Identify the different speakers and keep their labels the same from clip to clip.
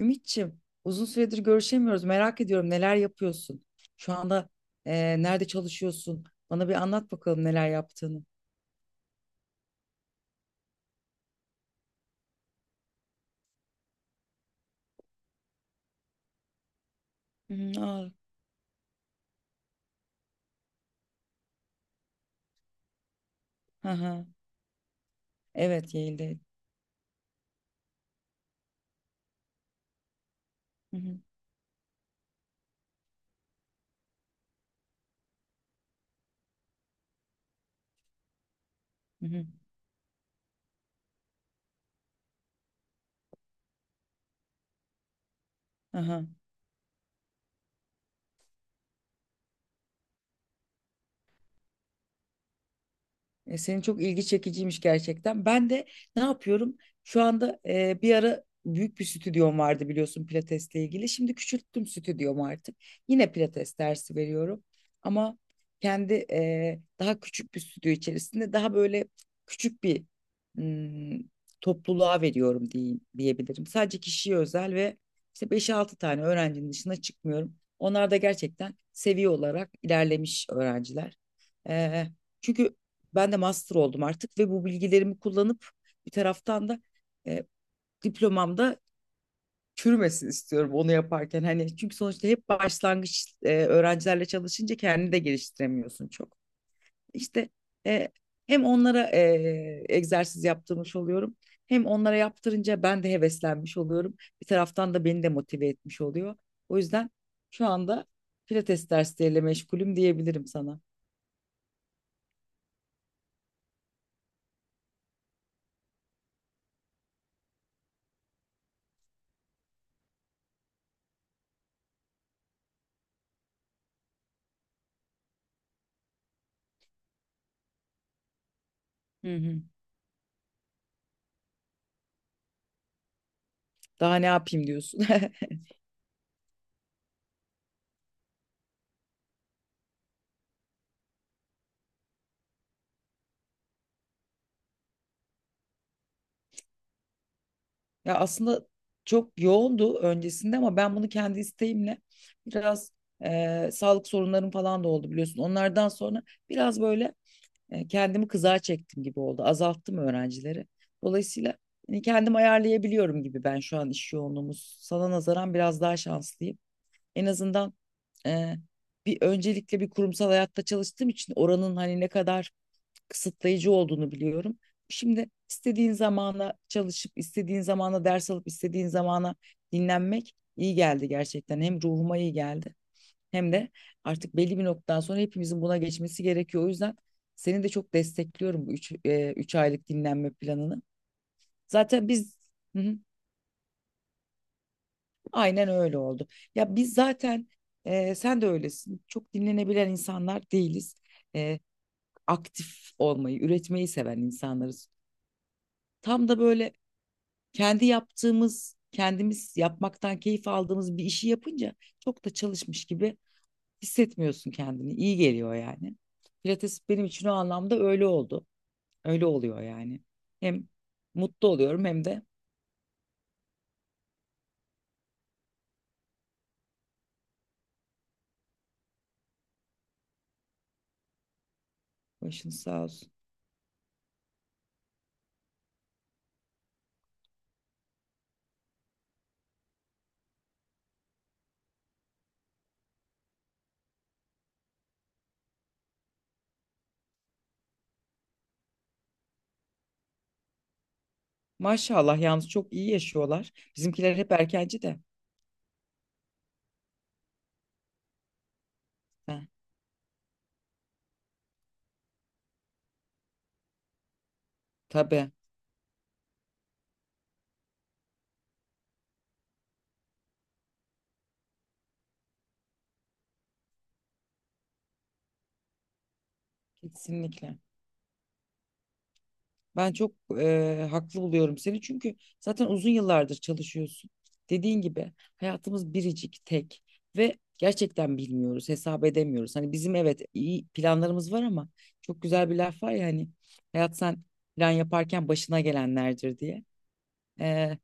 Speaker 1: Ümitçim, uzun süredir görüşemiyoruz. Merak ediyorum neler yapıyorsun? Şu anda nerede çalışıyorsun? Bana bir anlat bakalım neler yaptığını. Hı hı, aa, hı hı. Evet, Yale'de. Hı hı, hı hı, hı hı. Senin çok ilgi çekiciymiş gerçekten. Ben de ne yapıyorum? Şu anda bir ara büyük bir stüdyom vardı biliyorsun pilatesle ilgili. Şimdi küçülttüm stüdyomu artık. Yine pilates dersi veriyorum. Ama kendi daha küçük bir stüdyo içerisinde daha böyle küçük bir hmm, topluluğa veriyorum diye, diyebilirim. Sadece kişiye özel ve işte beş altı tane öğrencinin dışına çıkmıyorum. Onlar da gerçekten seviye olarak ilerlemiş öğrenciler. E, Çünkü ben de master oldum artık ve bu bilgilerimi kullanıp bir taraftan da e, diplomamda çürümesin istiyorum onu yaparken. Hani çünkü sonuçta hep başlangıç öğrencilerle çalışınca kendini de geliştiremiyorsun çok. İşte e, hem onlara egzersiz yaptırmış oluyorum. Hem onlara yaptırınca ben de heveslenmiş oluyorum. Bir taraftan da beni de motive etmiş oluyor. O yüzden şu anda pilates dersleriyle meşgulüm diyebilirim sana. Hı hı. Daha ne yapayım diyorsun. Ya aslında çok yoğundu öncesinde ama ben bunu kendi isteğimle biraz sağlık sorunlarım falan da oldu biliyorsun. Onlardan sonra biraz böyle kendimi kızağa çektim gibi oldu. Azalttım öğrencileri. Dolayısıyla hani kendim ayarlayabiliyorum gibi ben şu an iş yoğunluğumuz. Sana nazaran biraz daha şanslıyım. En azından e, bir öncelikle bir kurumsal hayatta çalıştığım için oranın hani ne kadar kısıtlayıcı olduğunu biliyorum. Şimdi istediğin zamana çalışıp, istediğin zamana ders alıp, istediğin zamana dinlenmek iyi geldi gerçekten. Hem ruhuma iyi geldi hem de artık belli bir noktadan sonra hepimizin buna geçmesi gerekiyor. O yüzden seni de çok destekliyorum bu 3 aylık dinlenme planını. Zaten biz. Hı hı, aynen öyle oldu. Ya biz zaten sen de öylesin. Çok dinlenebilen insanlar değiliz. E, Aktif olmayı, üretmeyi seven insanlarız. Tam da böyle kendi yaptığımız, kendimiz yapmaktan keyif aldığımız bir işi yapınca çok da çalışmış gibi hissetmiyorsun kendini. İyi geliyor yani. Pilates benim için o anlamda öyle oldu. Öyle oluyor yani. Hem mutlu oluyorum hem de başınız sağ olsun. Maşallah yalnız çok iyi yaşıyorlar. Bizimkiler hep erkenci de. Heh, tabii. Kesinlikle. Ben çok haklı buluyorum seni çünkü zaten uzun yıllardır çalışıyorsun. Dediğin gibi hayatımız biricik, tek ve gerçekten bilmiyoruz, hesap edemiyoruz. Hani bizim evet iyi planlarımız var ama çok güzel bir laf var ya hani hayat sen plan yaparken başına gelenlerdir diye, eee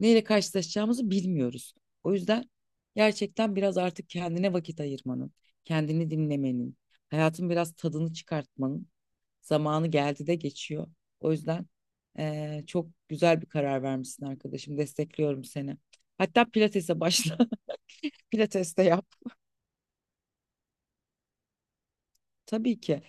Speaker 1: neyle karşılaşacağımızı bilmiyoruz. O yüzden gerçekten biraz artık kendine vakit ayırmanın, kendini dinlemenin, hayatın biraz tadını çıkartmanın zamanı geldi de geçiyor. O yüzden çok güzel bir karar vermişsin arkadaşım. Destekliyorum seni. Hatta pilatese başla. Pilates de yap. Tabii ki.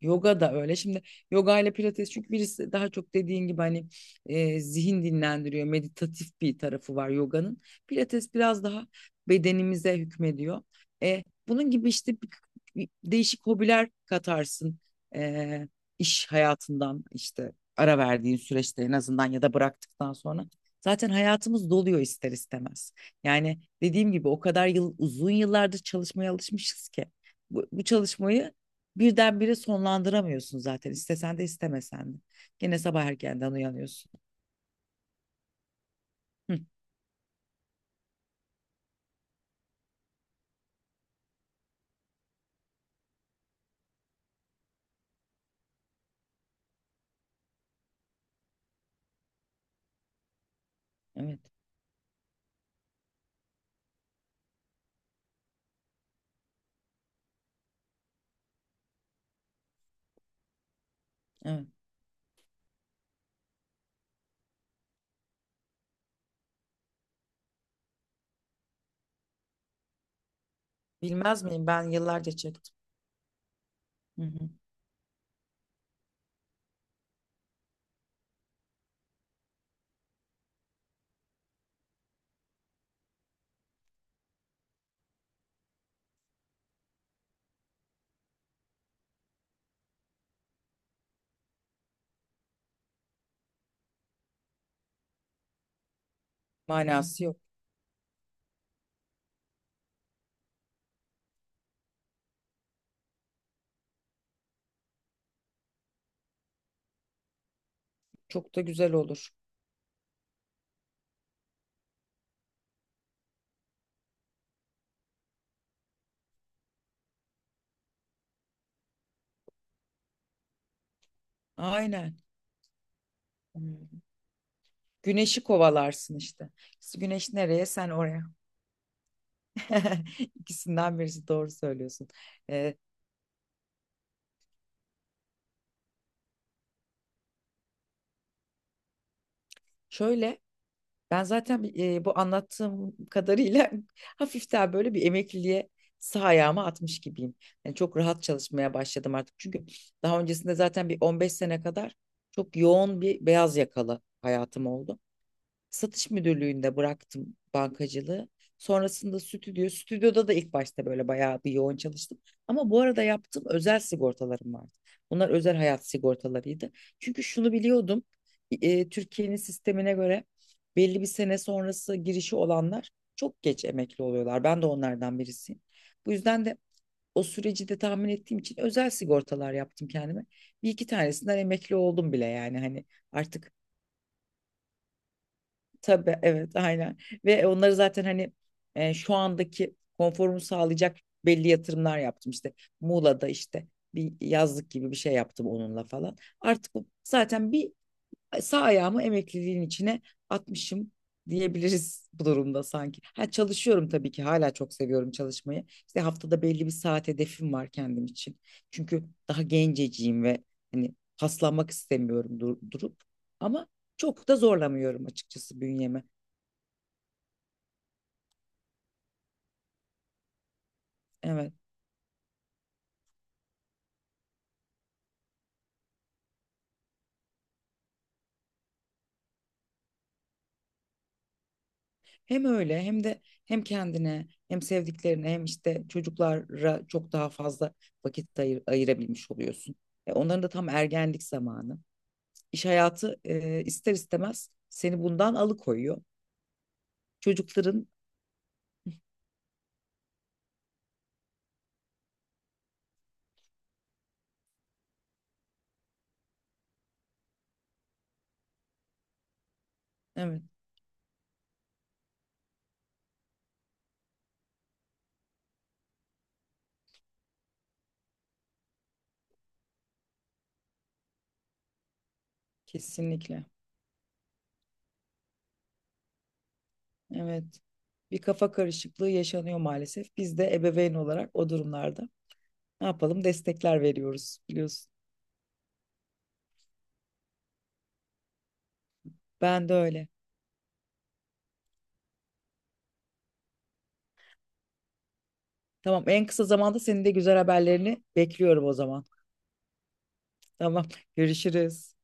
Speaker 1: Yoga da öyle. Şimdi yoga ile pilates çünkü birisi daha çok dediğin gibi hani zihin dinlendiriyor, meditatif bir tarafı var yoganın. Pilates biraz daha bedenimize hükmediyor. Bunun gibi işte bir değişik hobiler katarsın e, iş hayatından işte ara verdiğin süreçte en azından ya da bıraktıktan sonra. Zaten hayatımız doluyor ister istemez. Yani dediğim gibi o kadar yıl uzun yıllardır çalışmaya alışmışız ki bu çalışmayı birdenbire sonlandıramıyorsun zaten istesen de istemesen de. Gene sabah erkenden uyanıyorsun. Hı, evet, evet. Bilmez miyim ben yıllarca çektim. Hı hı. Manası yok. Çok da güzel olur. Aynen. Hmm. Güneşi kovalarsın işte. İşte güneş nereye sen oraya. İkisinden birisi doğru söylüyorsun. Ee, Şöyle, ben zaten bu anlattığım kadarıyla hafiften böyle bir emekliliğe sağ ayağımı atmış gibiyim. Yani çok rahat çalışmaya başladım artık. Çünkü daha öncesinde zaten bir 15 sene kadar çok yoğun bir beyaz yakalı hayatım oldu, satış müdürlüğünde bıraktım bankacılığı. Sonrasında stüdyoda da ilk başta böyle bayağı bir yoğun çalıştım. Ama bu arada yaptığım özel sigortalarım vardı. Bunlar özel hayat sigortalarıydı. Çünkü şunu biliyordum, Türkiye'nin sistemine göre belli bir sene sonrası girişi olanlar çok geç emekli oluyorlar. Ben de onlardan birisiyim. Bu yüzden de o süreci de tahmin ettiğim için özel sigortalar yaptım kendime. Bir iki tanesinden emekli oldum bile yani hani artık. Tabii, evet, aynen, ve onları zaten hani şu andaki konforumu sağlayacak belli yatırımlar yaptım işte Muğla'da işte bir yazlık gibi bir şey yaptım onunla falan. Artık zaten bir sağ ayağımı emekliliğin içine atmışım diyebiliriz bu durumda sanki. Ha, çalışıyorum tabii ki, hala çok seviyorum çalışmayı. İşte haftada belli bir saat hedefim var kendim için. Çünkü daha genceciyim ve hani paslanmak istemiyorum durup, ama çok da zorlamıyorum açıkçası bünyemi. Evet. Hem öyle, hem de hem kendine, hem sevdiklerine, hem işte çocuklara çok daha fazla vakit ayırabilmiş oluyorsun. Onların da tam ergenlik zamanı. İş hayatı ister istemez seni bundan alıkoyuyor. Çocukların evet, kesinlikle, evet, bir kafa karışıklığı yaşanıyor maalesef. Biz de ebeveyn olarak o durumlarda ne yapalım destekler veriyoruz biliyorsun. Ben de öyle. Tamam, en kısa zamanda senin de güzel haberlerini bekliyorum o zaman. Tamam, görüşürüz.